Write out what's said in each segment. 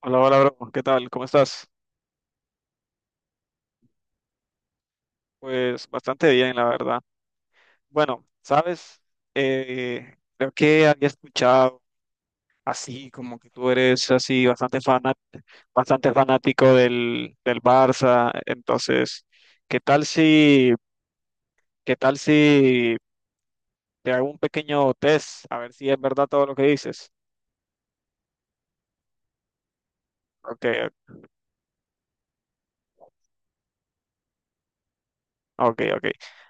Hola, hola, bro. ¿Qué tal? ¿Cómo estás? Pues bastante bien, la verdad. Bueno, sabes, creo que había escuchado así como que tú eres así bastante fanat bastante fanático del Barça. Entonces, ¿qué tal si, ¿qué tal si te hago un pequeño test a ver si es verdad todo lo que dices? Ok, ok.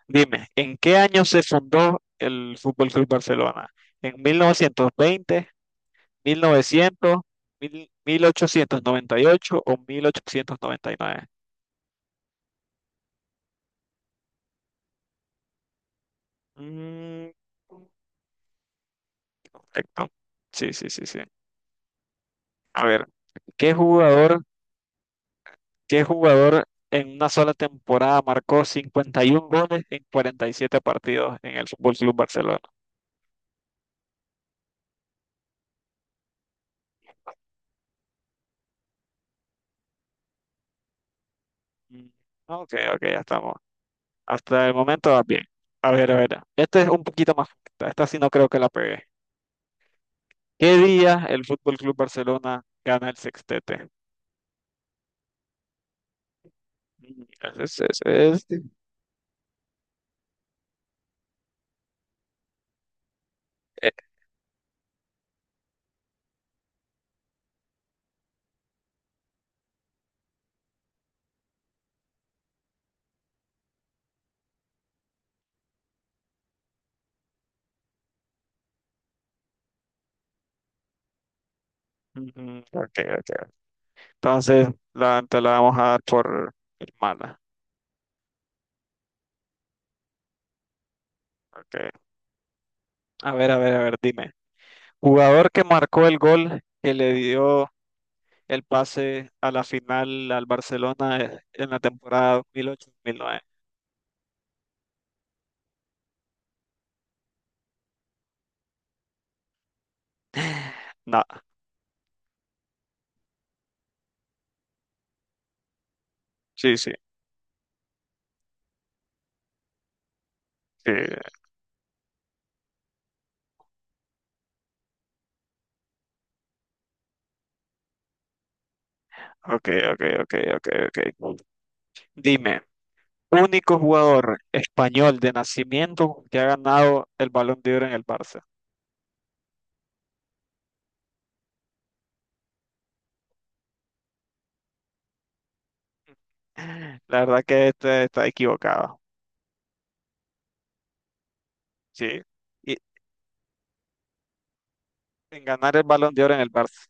Dime, ¿en qué año se fundó el Fútbol Club Barcelona? ¿En 1920 1900 mil- 1898 o 1899. Mm, correcto. Sí, sí, sí, sí. A ver, ¿qué jugador, ¿qué jugador en una sola temporada marcó 51 goles en 47 partidos en el Fútbol Club Barcelona? Mm, ok, ok, ya estamos. Hasta el momento va bien. A ver. Esta es un poquito más corta. Esta sí no creo que la pegué. ¿Qué día el Fútbol Club Barcelona gana el sextete? Mm, ese- ese- ese- ujú, ok, ok. Entonces, te la vamos a dar por mala. Okay. Dime. Jugador que marcó el gol que le dio el pase a la final al Barcelona, en la temporada 2008-2009. No, sí, sí, sí. Ok, ok, ok, ok, ok. Dime, único jugador español de nacimiento que ha ganado el Balón de Oro en el Barça. La verdad que este está equivocado. Sí. Y en ganar el Balón de Oro en el Barça.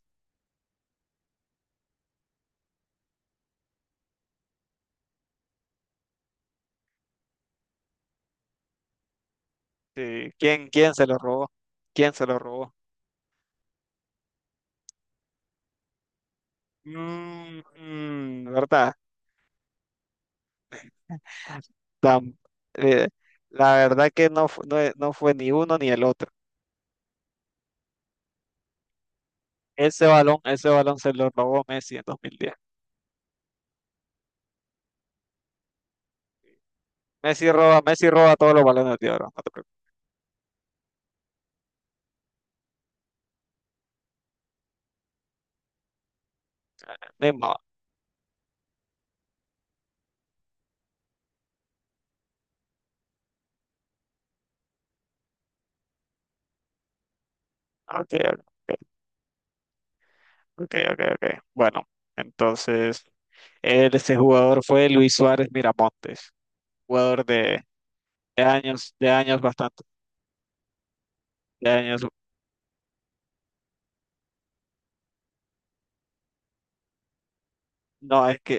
Sí, ¿ quién se lo robó? ¿Quién se lo robó? Mm, mm, ¿verdad? Tam- eh, la verdad que no, no, no fue ni uno ni el otro. Ese balón se lo robó Messi en 2010. Messi roba todos los balones de oro, no te preocupes. Ni modo. Ok, ok, ok. Bueno, entonces, ese jugador fue Luis Suárez Miramontes, jugador de, de años bastante, de años. No, es que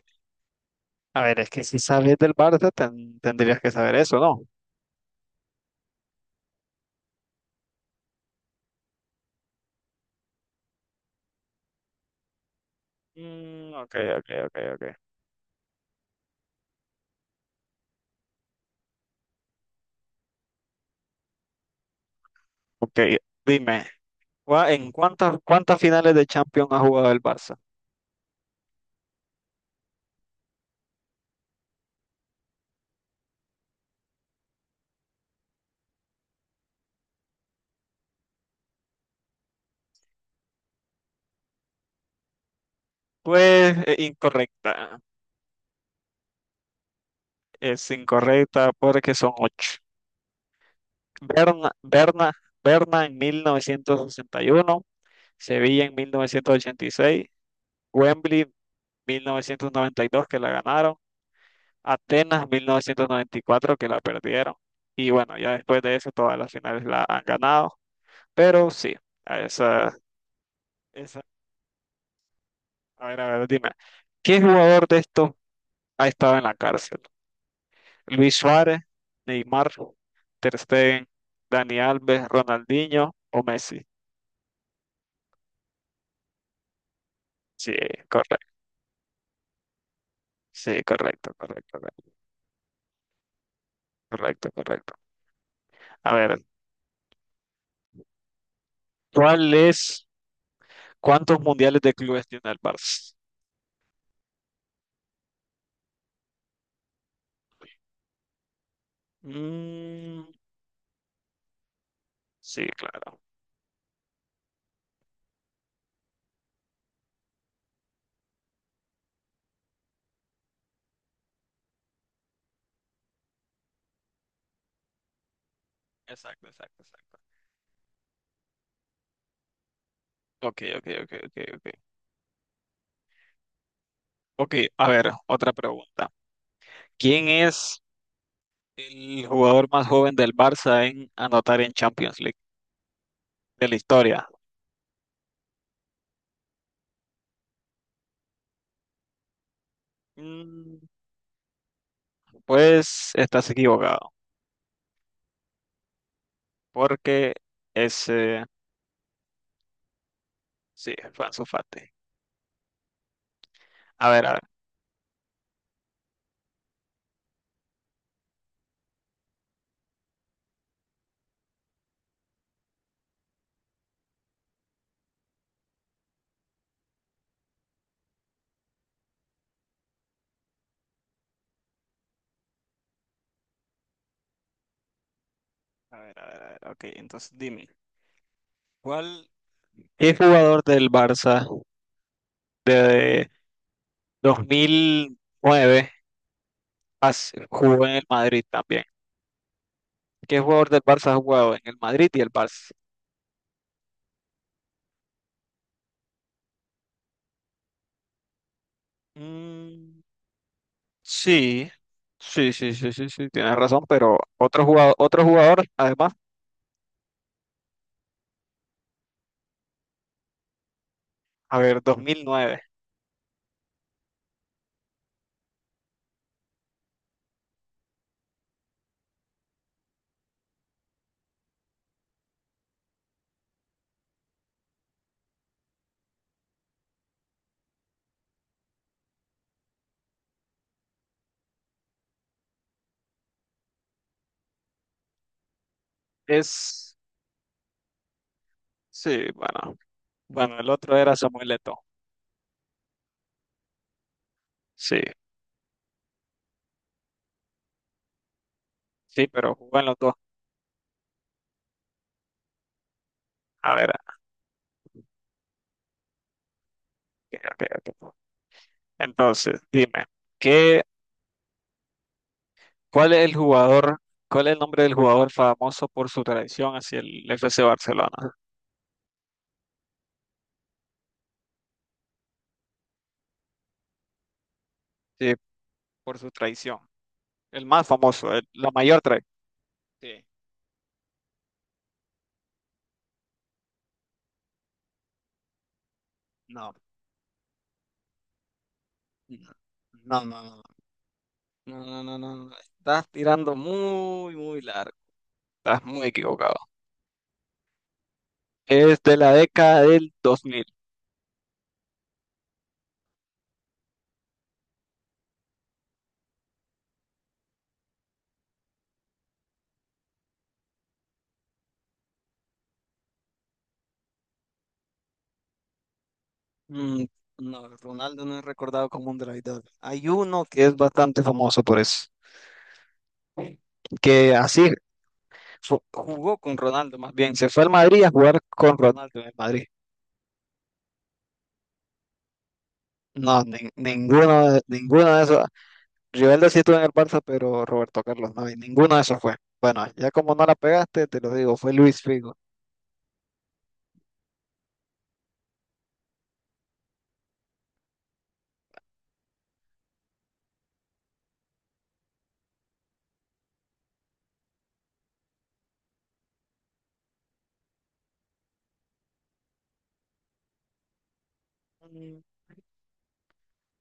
A ver, es que si sabes del Barça, tendrías que saber eso, ¿no? Mm, ok. Ok, dime, ¿cuántas finales de Champions ha jugado el Barça? Pues incorrecta, es incorrecta porque son ocho. Berna, Berna, Berna en 1961, Sevilla en 1986, Wembley 1992 que la ganaron, Atenas 1994 que la perdieron. Y bueno, ya después de eso todas las finales la han ganado. Pero sí, a esa, esa. Dime. ¿Qué jugador de estos ha estado en la cárcel? Luis Suárez, Neymar, Ter Stegen, Dani Alves, Ronaldinho o Messi. Sí, correcto. Sí, correcto. A ver, ¿cuál es, cuántos mundiales de clubes tiene el Barça? Mm, sí, claro. Exacto. Ok. Ok, a ver, otra pregunta. ¿Quién es el jugador más joven del Barça en anotar en Champions League de la historia? Mm, pues estás equivocado, porque ese sí, fue Ansu Fati. A ver, a ver, A ver, a ver. Ok, entonces dime, ¿cuál? ¿Qué jugador del Barça de 2009 jugó en el Madrid también? ¿Qué jugador del Barça ha jugado en el Madrid y el Barça? Mm, sí, sí, tienes razón, pero otro jugador, además. A ver, dos mil nueve. Es, sí, bueno, el otro era Samuel Eto'o. Sí, sí, pero jugó en los dos. A ver, ok, ok. Entonces, dime, ¿qué, ¿cuál es el jugador, cuál es el nombre del jugador famoso por su traición hacia el FC Barcelona? Sí, por su traición. El más famoso, la mayor traición. Sí, no, no, no, no, no. Estás tirando muy, muy largo. Estás muy equivocado. Es de la década del dos mil. Mm, no, Ronaldo no es recordado como un traidor. Hay uno que es bastante famoso por eso, que así jugó con Ronaldo, más bien, se fue al Madrid a jugar con Ronaldo en el Madrid. No, ninguno de esos. Rivaldo sí estuvo en el Barça, pero Roberto Carlos no, y ninguno de esos fue. Bueno, ya como no la pegaste, te lo digo, fue Luis Figo. Mm.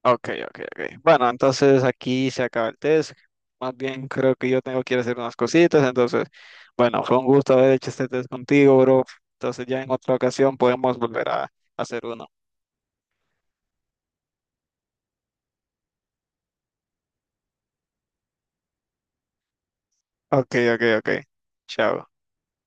Ok. Bueno, entonces aquí se acaba el test. Más bien creo que yo tengo que ir a hacer unas cositas. Entonces, bueno, fue un gusto haber hecho este test contigo, bro. Entonces ya en otra ocasión podemos volver a hacer uno. Ok. Chao.